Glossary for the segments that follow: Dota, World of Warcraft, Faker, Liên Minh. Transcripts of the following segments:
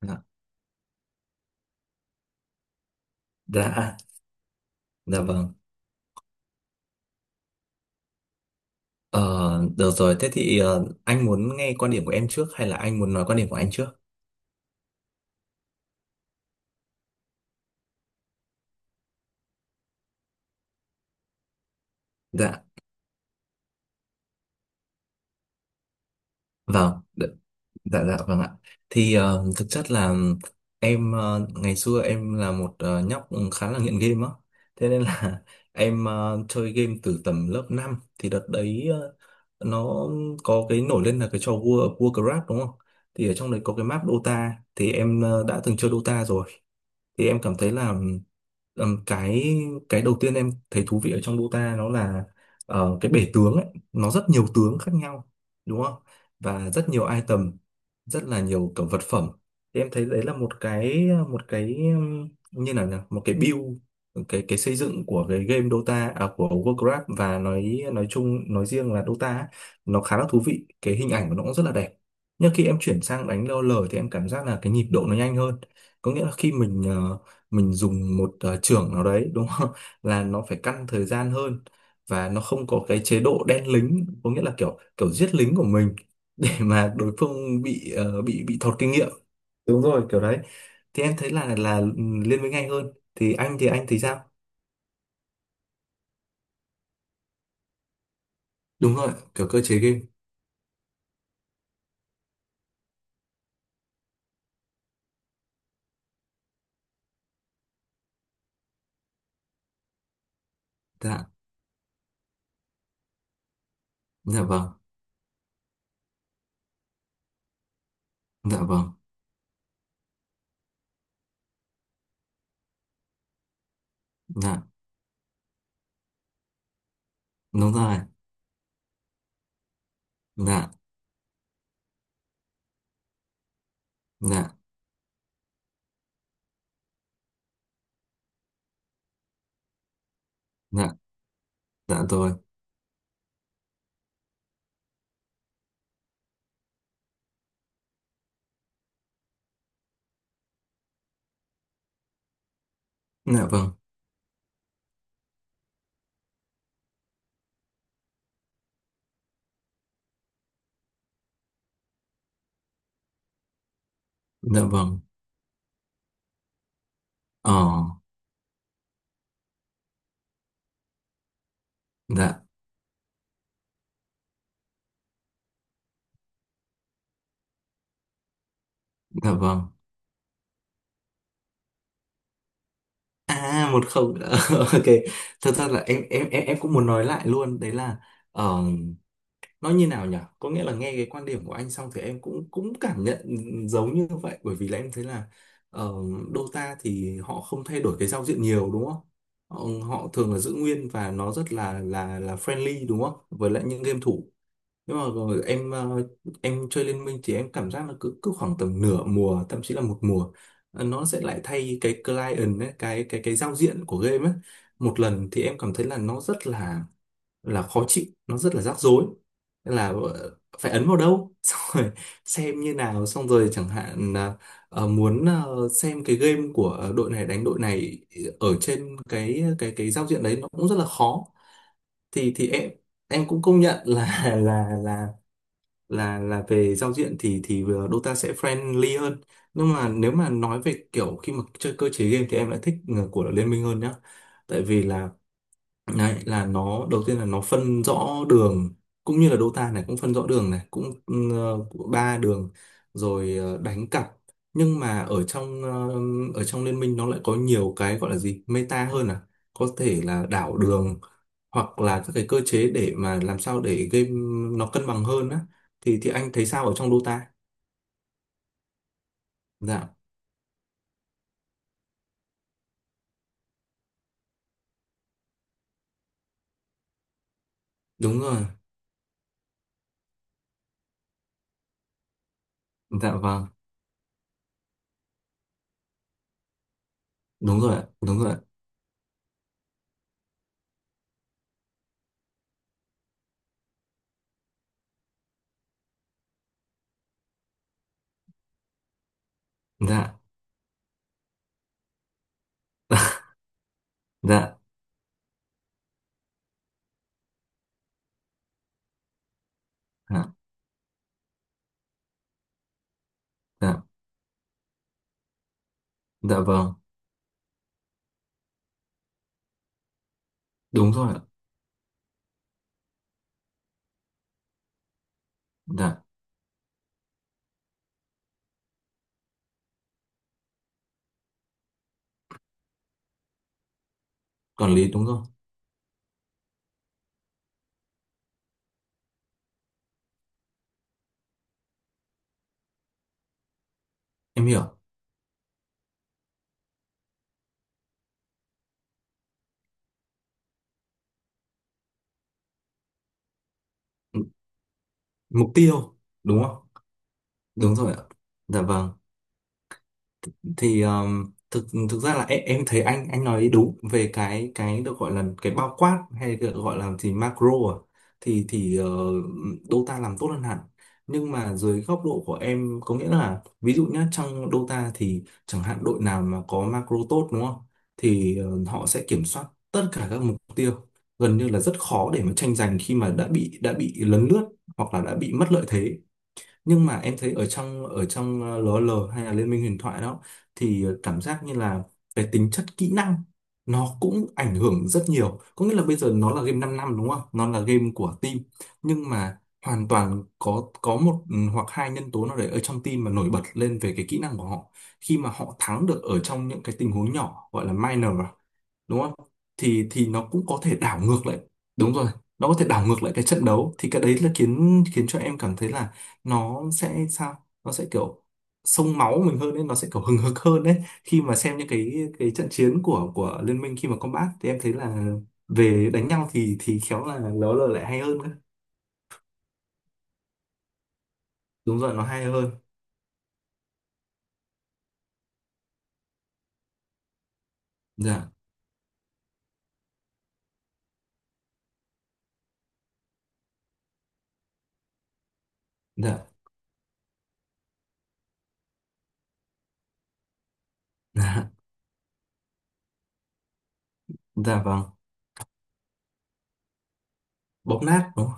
Dạ, dạ dạ vâng. Ờ, Được rồi, thế thì anh muốn nghe quan điểm của em trước hay là anh muốn nói quan điểm của anh trước? Dạ, vâng, đ- dạ, vâng ạ. Thì thực chất là em ngày xưa em là một nhóc khá là nghiện game á. Thế nên là em chơi game từ tầm lớp 5 thì đợt đấy nó có cái nổi lên là cái trò World of Warcraft đúng không? Thì ở trong đấy có cái map Dota thì em đã từng chơi Dota rồi. Thì em cảm thấy là Ừm, cái cái đầu tiên em thấy thú vị ở trong Dota nó là cái bể tướng ấy, nó rất nhiều tướng khác nhau đúng không? Và rất nhiều item, rất là nhiều kiểu vật phẩm. Thì em thấy đấy là một cái như nào nhỉ? Một cái build cái xây dựng của cái game Dota à, của Warcraft và nói chung nói riêng là Dota ấy, nó khá là thú vị, cái hình ảnh của nó cũng rất là đẹp. Nhưng khi em chuyển sang đánh LoL thì em cảm giác là cái nhịp độ nó nhanh hơn. Có nghĩa là khi mình mình dùng một chưởng nào đấy đúng không là nó phải căn thời gian hơn và nó không có cái chế độ đen lính có nghĩa là kiểu kiểu giết lính của mình để mà đối phương bị bị thọt kinh nghiệm. Đúng rồi kiểu đấy, thì em thấy là liên minh anh hơn. Thì anh thì sao? Đúng rồi, kiểu cơ chế game. Dạ, dạ vâng. Dạ vâng. Dạ. Đúng rồi. Dạ. Dạ. Dạ dạ rồi. Dạ vâng. Dạ vâng. Ờ. Dạ. Dạ vâng. À một không ok, thật ra là em cũng muốn nói lại luôn đấy là ờ, nó như nào nhỉ, có nghĩa là nghe cái quan điểm của anh xong thì em cũng cũng cảm nhận giống như vậy bởi vì là em thấy là ờ, Dota thì họ không thay đổi cái giao diện nhiều đúng không, họ thường là giữ nguyên và nó rất là là friendly đúng không với lại những game thủ. Nhưng mà rồi em chơi Liên Minh thì em cảm giác là cứ cứ khoảng tầm nửa mùa, thậm chí là một mùa, nó sẽ lại thay cái client ấy, cái giao diện của game ấy. Một lần thì em cảm thấy là nó rất là khó chịu, nó rất là rắc rối. Nên là phải ấn vào đâu, xong rồi xem như nào, xong rồi chẳng hạn là muốn xem cái game của đội này đánh đội này ở trên cái giao diện đấy nó cũng rất là khó. Thì em cũng công nhận là là về giao diện thì Dota sẽ friendly hơn. Nhưng mà nếu mà nói về kiểu khi mà chơi cơ chế game thì em lại thích của Liên Minh hơn nhá, tại vì là đấy là nó, đầu tiên là nó phân rõ đường, cũng như là Dota này cũng phân rõ đường này, cũng ba đường rồi đánh cặp. Nhưng mà ở trong ở trong liên minh nó lại có nhiều cái gọi là gì meta hơn à, có thể là đảo đường hoặc là các cái cơ chế để mà làm sao để game nó cân bằng hơn á. Thì anh thấy sao ở trong Dota? Dạ. Đúng rồi. Dạ vâng. Đúng rồi ạ, đúng rồi ạ. Dạ. Dạ. Dạ dạ vâng. Đúng rồi ạ. Dạ. Quản lý đúng rồi. Em hiểu. M- Mục tiêu đúng không. Đúng rồi ạ. Dạ vâng. Thì thực thực ra là em thấy anh nói đúng về cái được gọi là cái bao quát hay được gọi là gì macro à, thì Dota làm tốt hơn hẳn. Nhưng mà dưới góc độ của em có nghĩa là ví dụ nhá, trong Dota thì chẳng hạn đội nào mà có macro tốt đúng không thì họ sẽ kiểm soát tất cả các mục tiêu, gần như là rất khó để mà tranh giành khi mà đã bị lấn lướt hoặc là đã bị mất lợi thế. Nhưng mà em thấy ở trong lờ o lờ hay là Liên minh huyền thoại đó thì cảm giác như là cái tính chất kỹ năng nó cũng ảnh hưởng rất nhiều, có nghĩa là bây giờ nó là game 5 năm đúng không, nó là game của team. Nhưng mà hoàn toàn có có một hoặc hai nhân tố nào đấy ở trong team mà nổi bật lên về cái kỹ năng của họ, khi mà họ thắng được ở trong những cái tình huống nhỏ gọi là minor à, đúng không, thì nó cũng có thể đảo ngược lại. Đúng rồi, nó có thể đảo ngược lại cái trận đấu thì cái đấy là khiến khiến cho em cảm thấy là nó sẽ sao, nó sẽ kiểu sông máu mình hơn ấy, nó sẽ kiểu hừng hực hơn đấy, khi mà xem những cái trận chiến của liên minh khi mà combat thì em thấy là về đánh nhau thì khéo là nó là lại hay hơn cơ. Đúng rồi, nó hay hơn. Dạ. Dạ. Dạ. Dạ vâng. Bóp nát đúng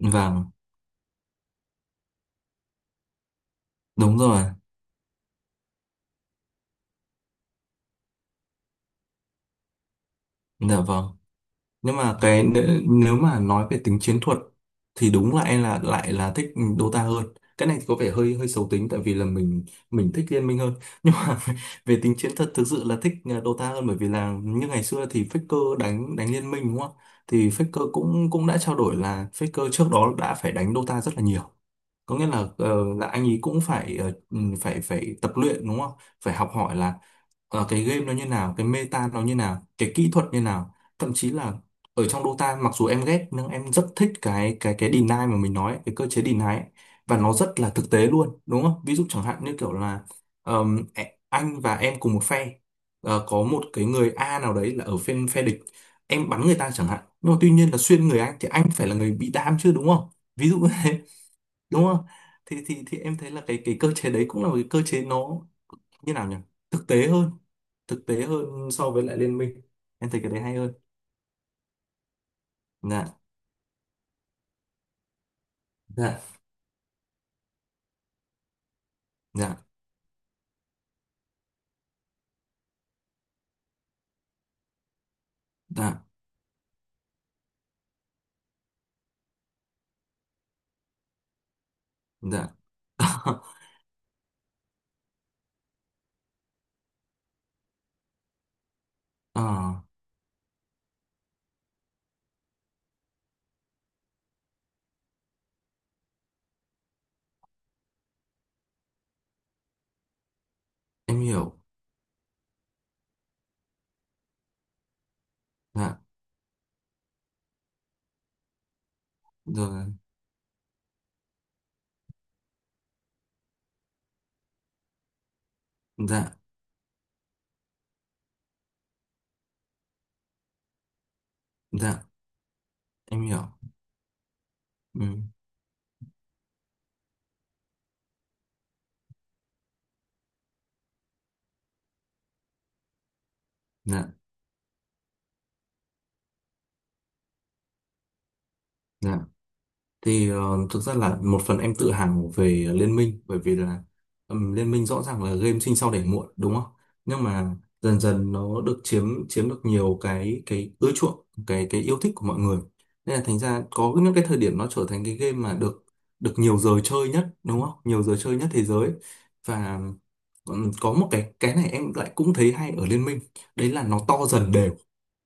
không, vâng. Đúng rồi. Dạ vâng. Nhưng mà nếu mà nói về tính chiến thuật thì đúng là em là lại là thích Dota hơn. Cái này có vẻ hơi hơi xấu tính tại vì là mình thích Liên Minh hơn, nhưng mà về tính chiến thuật thực sự là thích Dota hơn, bởi vì là như ngày xưa thì Faker đánh đánh Liên Minh đúng không ạ? Thì Faker cũng cũng đã trao đổi là Faker trước đó đã phải đánh Dota rất là nhiều, có nghĩa là anh ấy cũng phải phải phải tập luyện đúng không, phải học hỏi là cái game nó như nào, cái meta nó như nào, cái kỹ thuật như nào, thậm chí là ở trong Dota mặc dù em ghét nhưng em rất thích cái deny mà mình nói ấy, cái cơ chế deny ấy. Và nó rất là thực tế luôn đúng không, ví dụ chẳng hạn như kiểu là anh và em cùng một phe. Ờ, có một cái người A nào đấy là ở phe phe địch, em bắn người ta chẳng hạn, nhưng mà tuy nhiên là xuyên người anh thì anh phải là người bị đam chứ đúng không, ví dụ như thế đúng không. Thì em thấy là cái cơ chế đấy cũng là một cái cơ chế nó như nào nhỉ, thực tế hơn, thực tế hơn so với lại liên minh. Em thấy cái đấy hay hơn. Dạ. Dạ. Dạ. Dạ. Dạ. Ờ, em hiểu. Dạ rồi. Dạ. Dạ em hiểu. Ừ. Dạ. Dạ. Thì thực ra là một phần em tự hào về Liên Minh bởi vì là Liên Minh rõ ràng là game sinh sau đẻ muộn đúng không, nhưng mà dần dần nó được chiếm chiếm được nhiều cái ưa chuộng, cái yêu thích của mọi người. Nên là thành ra có những cái thời điểm nó trở thành cái game mà được được nhiều giờ chơi nhất đúng không, nhiều giờ chơi nhất thế giới. Và có một cái này em lại cũng thấy hay ở Liên Minh, đấy là nó to dần đều,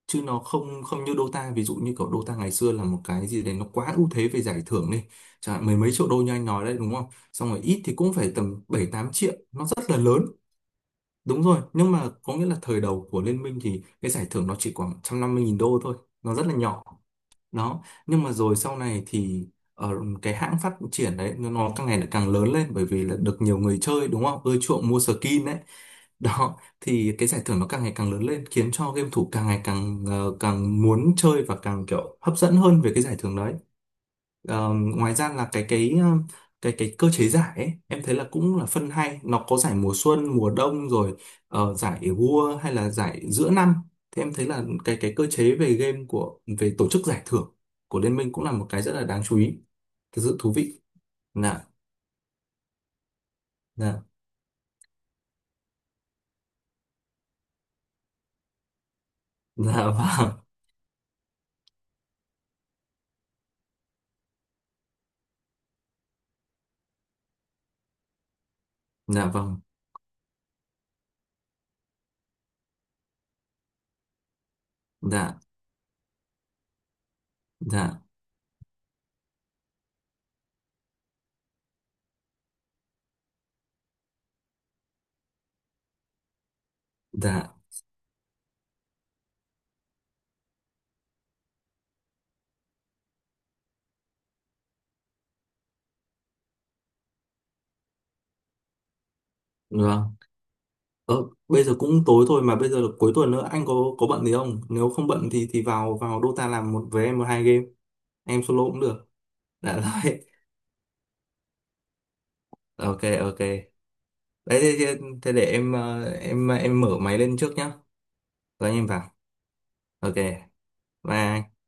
chứ nó không không như Dota. Ví dụ như kiểu Dota ngày xưa là một cái gì đấy nó quá ưu thế về giải thưởng đi, chẳng hạn mười mấy triệu đô như anh nói đấy đúng không, xong rồi ít thì cũng phải tầm 7 8 triệu, nó rất là lớn. Đúng rồi, nhưng mà có nghĩa là thời đầu của Liên minh thì cái giải thưởng nó chỉ khoảng 150.000 đô thôi, nó rất là nhỏ. Đó, nhưng mà rồi sau này thì ở cái hãng phát triển đấy nó càng ngày lại càng lớn lên bởi vì là được nhiều người chơi đúng không ưa chuộng mua skin đấy. Đó thì cái giải thưởng nó càng ngày càng lớn lên, khiến cho game thủ càng ngày càng muốn chơi và càng kiểu hấp dẫn hơn về cái giải thưởng đấy. Ờ, ngoài ra là cái ờ, cái cơ chế giải ấy, em thấy là cũng là phân hay, nó có giải mùa xuân mùa đông rồi giải vua hay là giải giữa năm, thì em thấy là cái cơ chế về game của về tổ chức giải thưởng của Liên minh cũng là một cái rất là đáng chú ý, thực sự thú vị. Dạ. Dạ. Dạ. Vâng. Dạ vâng. Dạ. Dạ. Dạ vâng. Ờ, bây giờ cũng tối thôi mà bây giờ là cuối tuần nữa, anh có bận gì không? Nếu không bận thì vào vào Dota làm một với em một hai game, em solo cũng được. Đã rồi. Ok ok. Đấy thế, thế để em mở máy lên trước nhá. Rồi anh em vào. Ok. Bye.